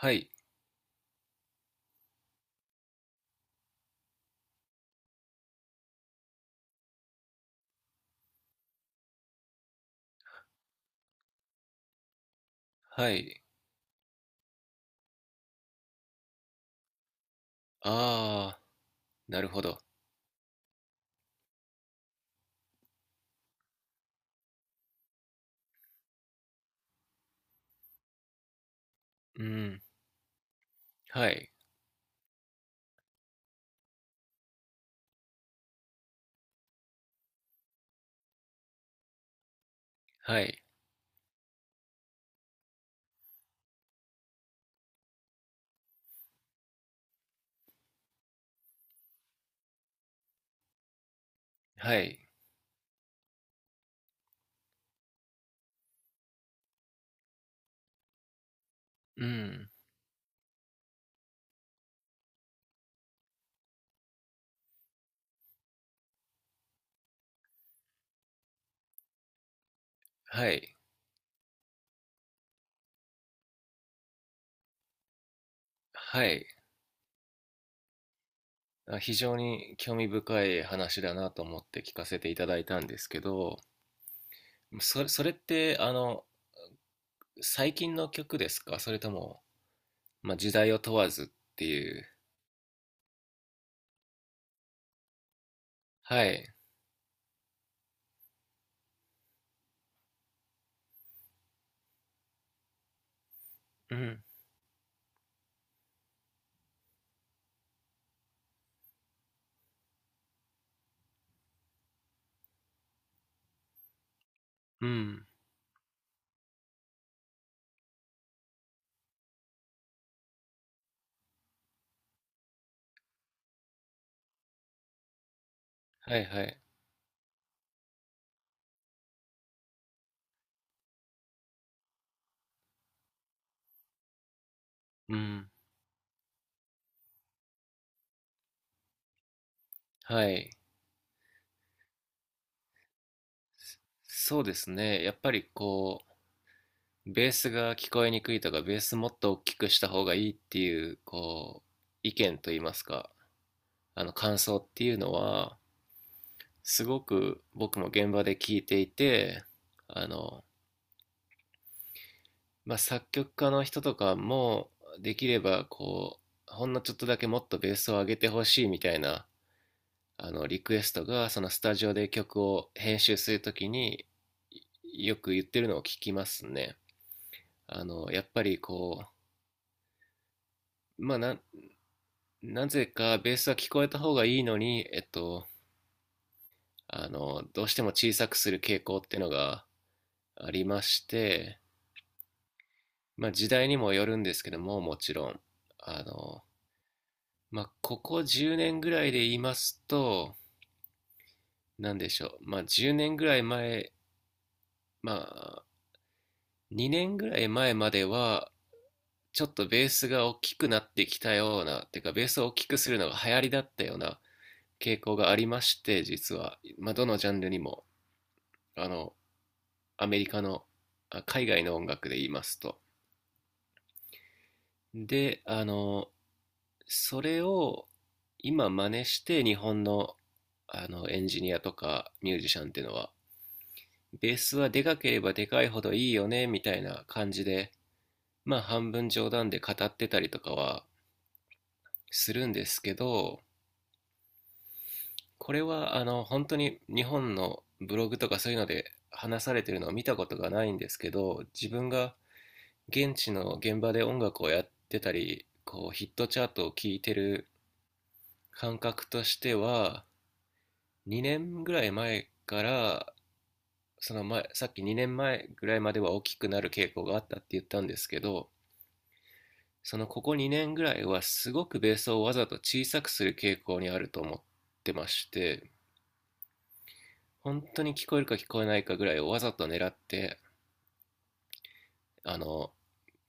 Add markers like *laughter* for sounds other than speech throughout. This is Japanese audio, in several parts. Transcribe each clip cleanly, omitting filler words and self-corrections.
はい、はい。ああ、なるほど。うん、はい、はい、はい、うん、はい、はい。あ、非常に興味深い話だなと思って聞かせていただいたんですけど、それって、最近の曲ですか？それとも、まあ、時代を問わずっていう。はい。うん、うん。はいはい。うん。はい。そうですね。やっぱりこう、ベースが聞こえにくいとか、ベースもっと大きくした方がいいっていう、こう、意見といいますか、あの感想っていうのは、すごく僕も現場で聞いていて、あの、まあ、作曲家の人とかも、できれば、こう、ほんのちょっとだけもっとベースを上げてほしいみたいな、あの、リクエストが、そのスタジオで曲を編集するときに、よく言ってるのを聞きますね。あの、やっぱりこう、まあ、なぜかベースは聞こえた方がいいのに、えっと、あの、どうしても小さくする傾向っていうのがありまして、まあ時代にもよるんですけども、もちろん。あの、まあここ10年ぐらいで言いますと、なんでしょう。まあ10年ぐらい前、まあ2年ぐらい前までは、ちょっとベースが大きくなってきたような、てかベースを大きくするのが流行りだったような傾向がありまして、実は。まあどのジャンルにも。あの、アメリカの、海外の音楽で言いますと。で、あの、それを今真似して日本の、あのエンジニアとかミュージシャンっていうのは、ベースはでかければでかいほどいいよね、みたいな感じで、まあ半分冗談で語ってたりとかはするんですけど、これはあの本当に日本のブログとかそういうので話されてるのを見たことがないんですけど、自分が現地の現場で音楽をやってたり、こうヒットチャートを聴いてる感覚としては、2年ぐらい前から、その前、さっき2年前ぐらいまでは大きくなる傾向があったって言ったんですけど、そのここ2年ぐらいはすごくベースをわざと小さくする傾向にあると思ってまして、本当に聞こえるか聞こえないかぐらいをわざと狙って、あの、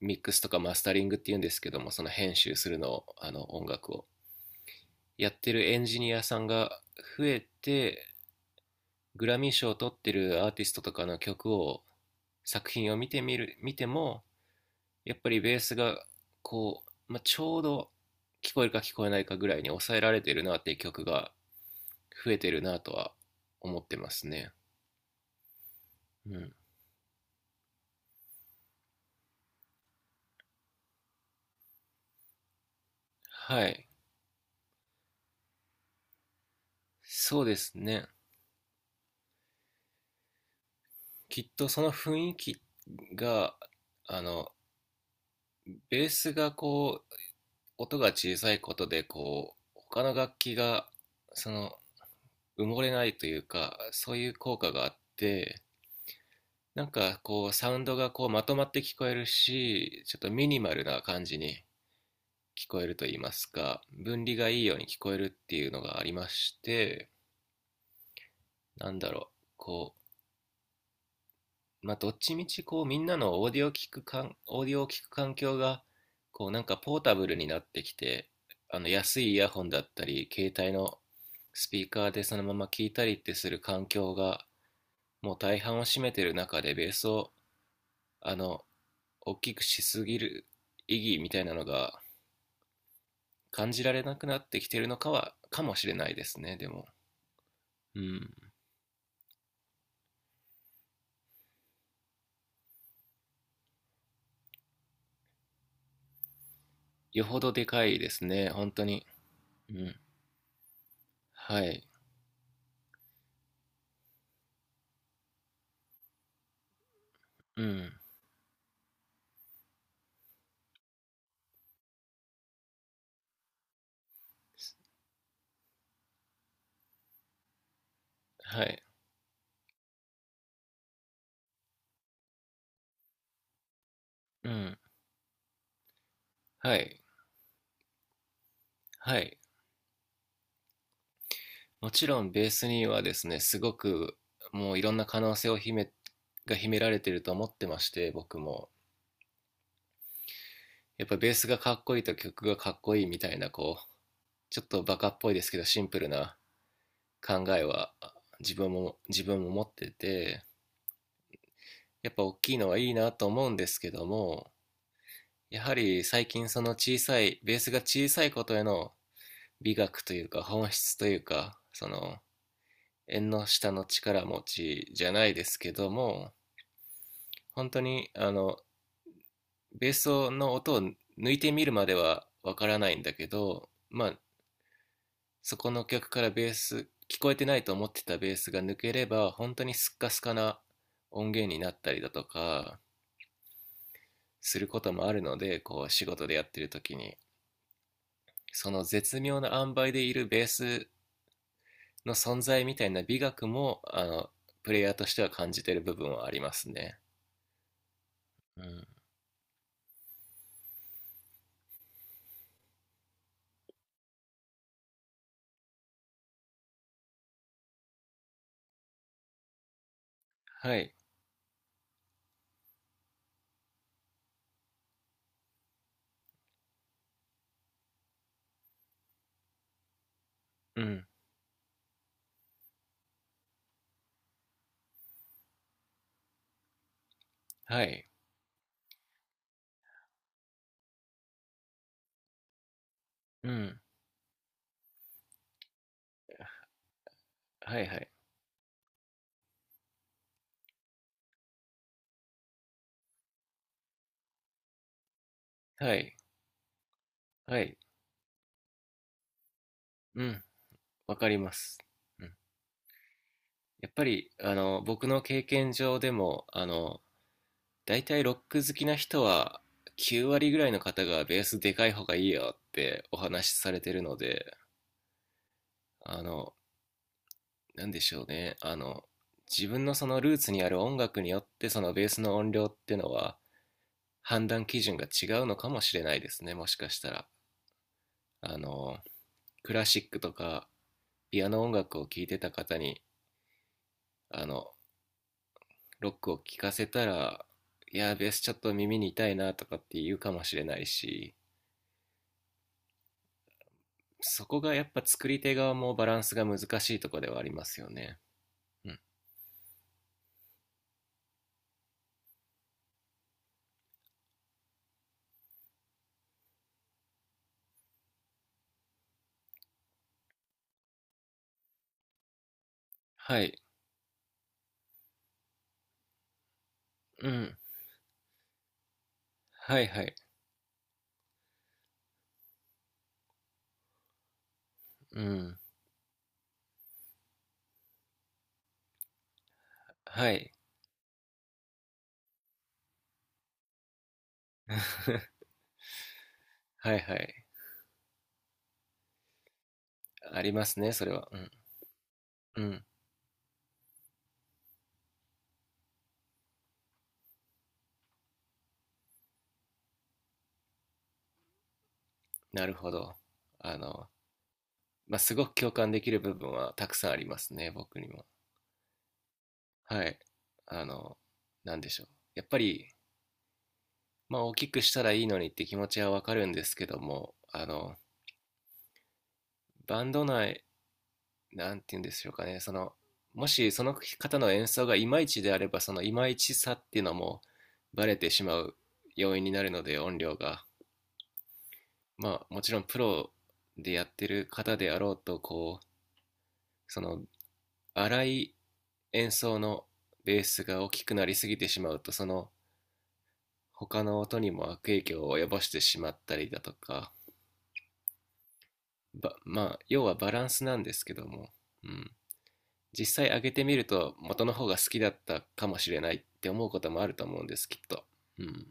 ミックスとかマスタリングっていうんですけども、その編集するのを、あの音楽を。やってるエンジニアさんが増えて、グラミー賞を取ってるアーティストとかの曲を、作品を見てみる、見ても、やっぱりベースが、こう、まあ、ちょうど聞こえるか聞こえないかぐらいに抑えられてるなっていう曲が増えてるなとは思ってますね。うん。はい。そうですね。きっとその雰囲気が、あの、ベースがこう、音が小さいことで、こう、他の楽器が、その、埋もれないというか、そういう効果があって、なんかこうサウンドがこうまとまって聞こえるし、ちょっとミニマルな感じに聞こえると言いますか、分離がいいように聞こえるっていうのがありまして、なんだろう、こう、まあどっちみちこうみんなのオーディオを聞く環境がこうなんかポータブルになってきて、あの安いイヤホンだったり、携帯のスピーカーでそのまま聞いたりってする環境がもう大半を占めてる中でベースを、あの、大きくしすぎる意義みたいなのが感じられなくなってきてるのかは、かもしれないですね、でも。うん。よほどでかいですね、本当に。うん。はい。うん。はい。うん。はい。はい。もちろんベースにはですね、すごくもういろんな可能性を秘め、が秘められてると思ってまして、僕も。やっぱベースがかっこいいと曲がかっこいいみたいな、こう、ちょっとバカっぽいですけどシンプルな考えは自分も持ってて、やっぱ大きいのはいいなと思うんですけども、やはり最近その小さいベースが小さいことへの美学というか本質というか、その縁の下の力持ちじゃないですけども、本当にあのベースの音を抜いてみるまではわからないんだけど、まあそこの曲からベース聞こえてないと思ってたベースが抜ければ本当にスッカスカな音源になったりだとかすることもあるので、こう仕事でやってる時に、その絶妙な塩梅でいるベースの存在みたいな美学も、あの、プレイヤーとしては感じてる部分はありますね。うん。はい。うん。はい。うん。はいはい。はい。はい。うん。わかります。うん。やっぱり、あの、僕の経験上でも、あの、だいたいロック好きな人は、9割ぐらいの方がベースでかい方がいいよってお話しされてるので、あの、なんでしょうね、あの、自分のそのルーツにある音楽によってそのベースの音量っていうのは判断基準が違うのかもしれないですね、もしかしたら。あのクラシックとかピアノ音楽を聴いてた方に、あのロックを聴かせたら、いやベースちょっと耳に痛いなとかって言うかもしれないし、そこがやっぱ作り手側もバランスが難しいところではありますよね。うん。はい。うん。はい。はい。うん。はい。 *laughs* はいはい。ありますね、それは。うん。うん。なるほど。あの、まあ、すごく共感できる部分はたくさんありますね、僕にも。はい。あの、なんでしょう。やっぱり、まあ、大きくしたらいいのにって気持ちはわかるんですけども、あの、バンド内、なんて言うんでしょうかね、その、もしその方の演奏がいまいちであれば、そのいまいちさっていうのもバレてしまう要因になるので、音量が。まあ、もちろんプロでやってる方であろうと、こう、その荒い演奏のベースが大きくなりすぎてしまうと、その他の音にも悪影響を及ぼしてしまったりだとか、ばまあ要はバランスなんですけども、うん、実際上げてみると元の方が好きだったかもしれないって思うこともあると思うんですきっと、うん、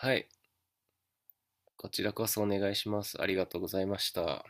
はい、こちらこそお願いします、ありがとうございました。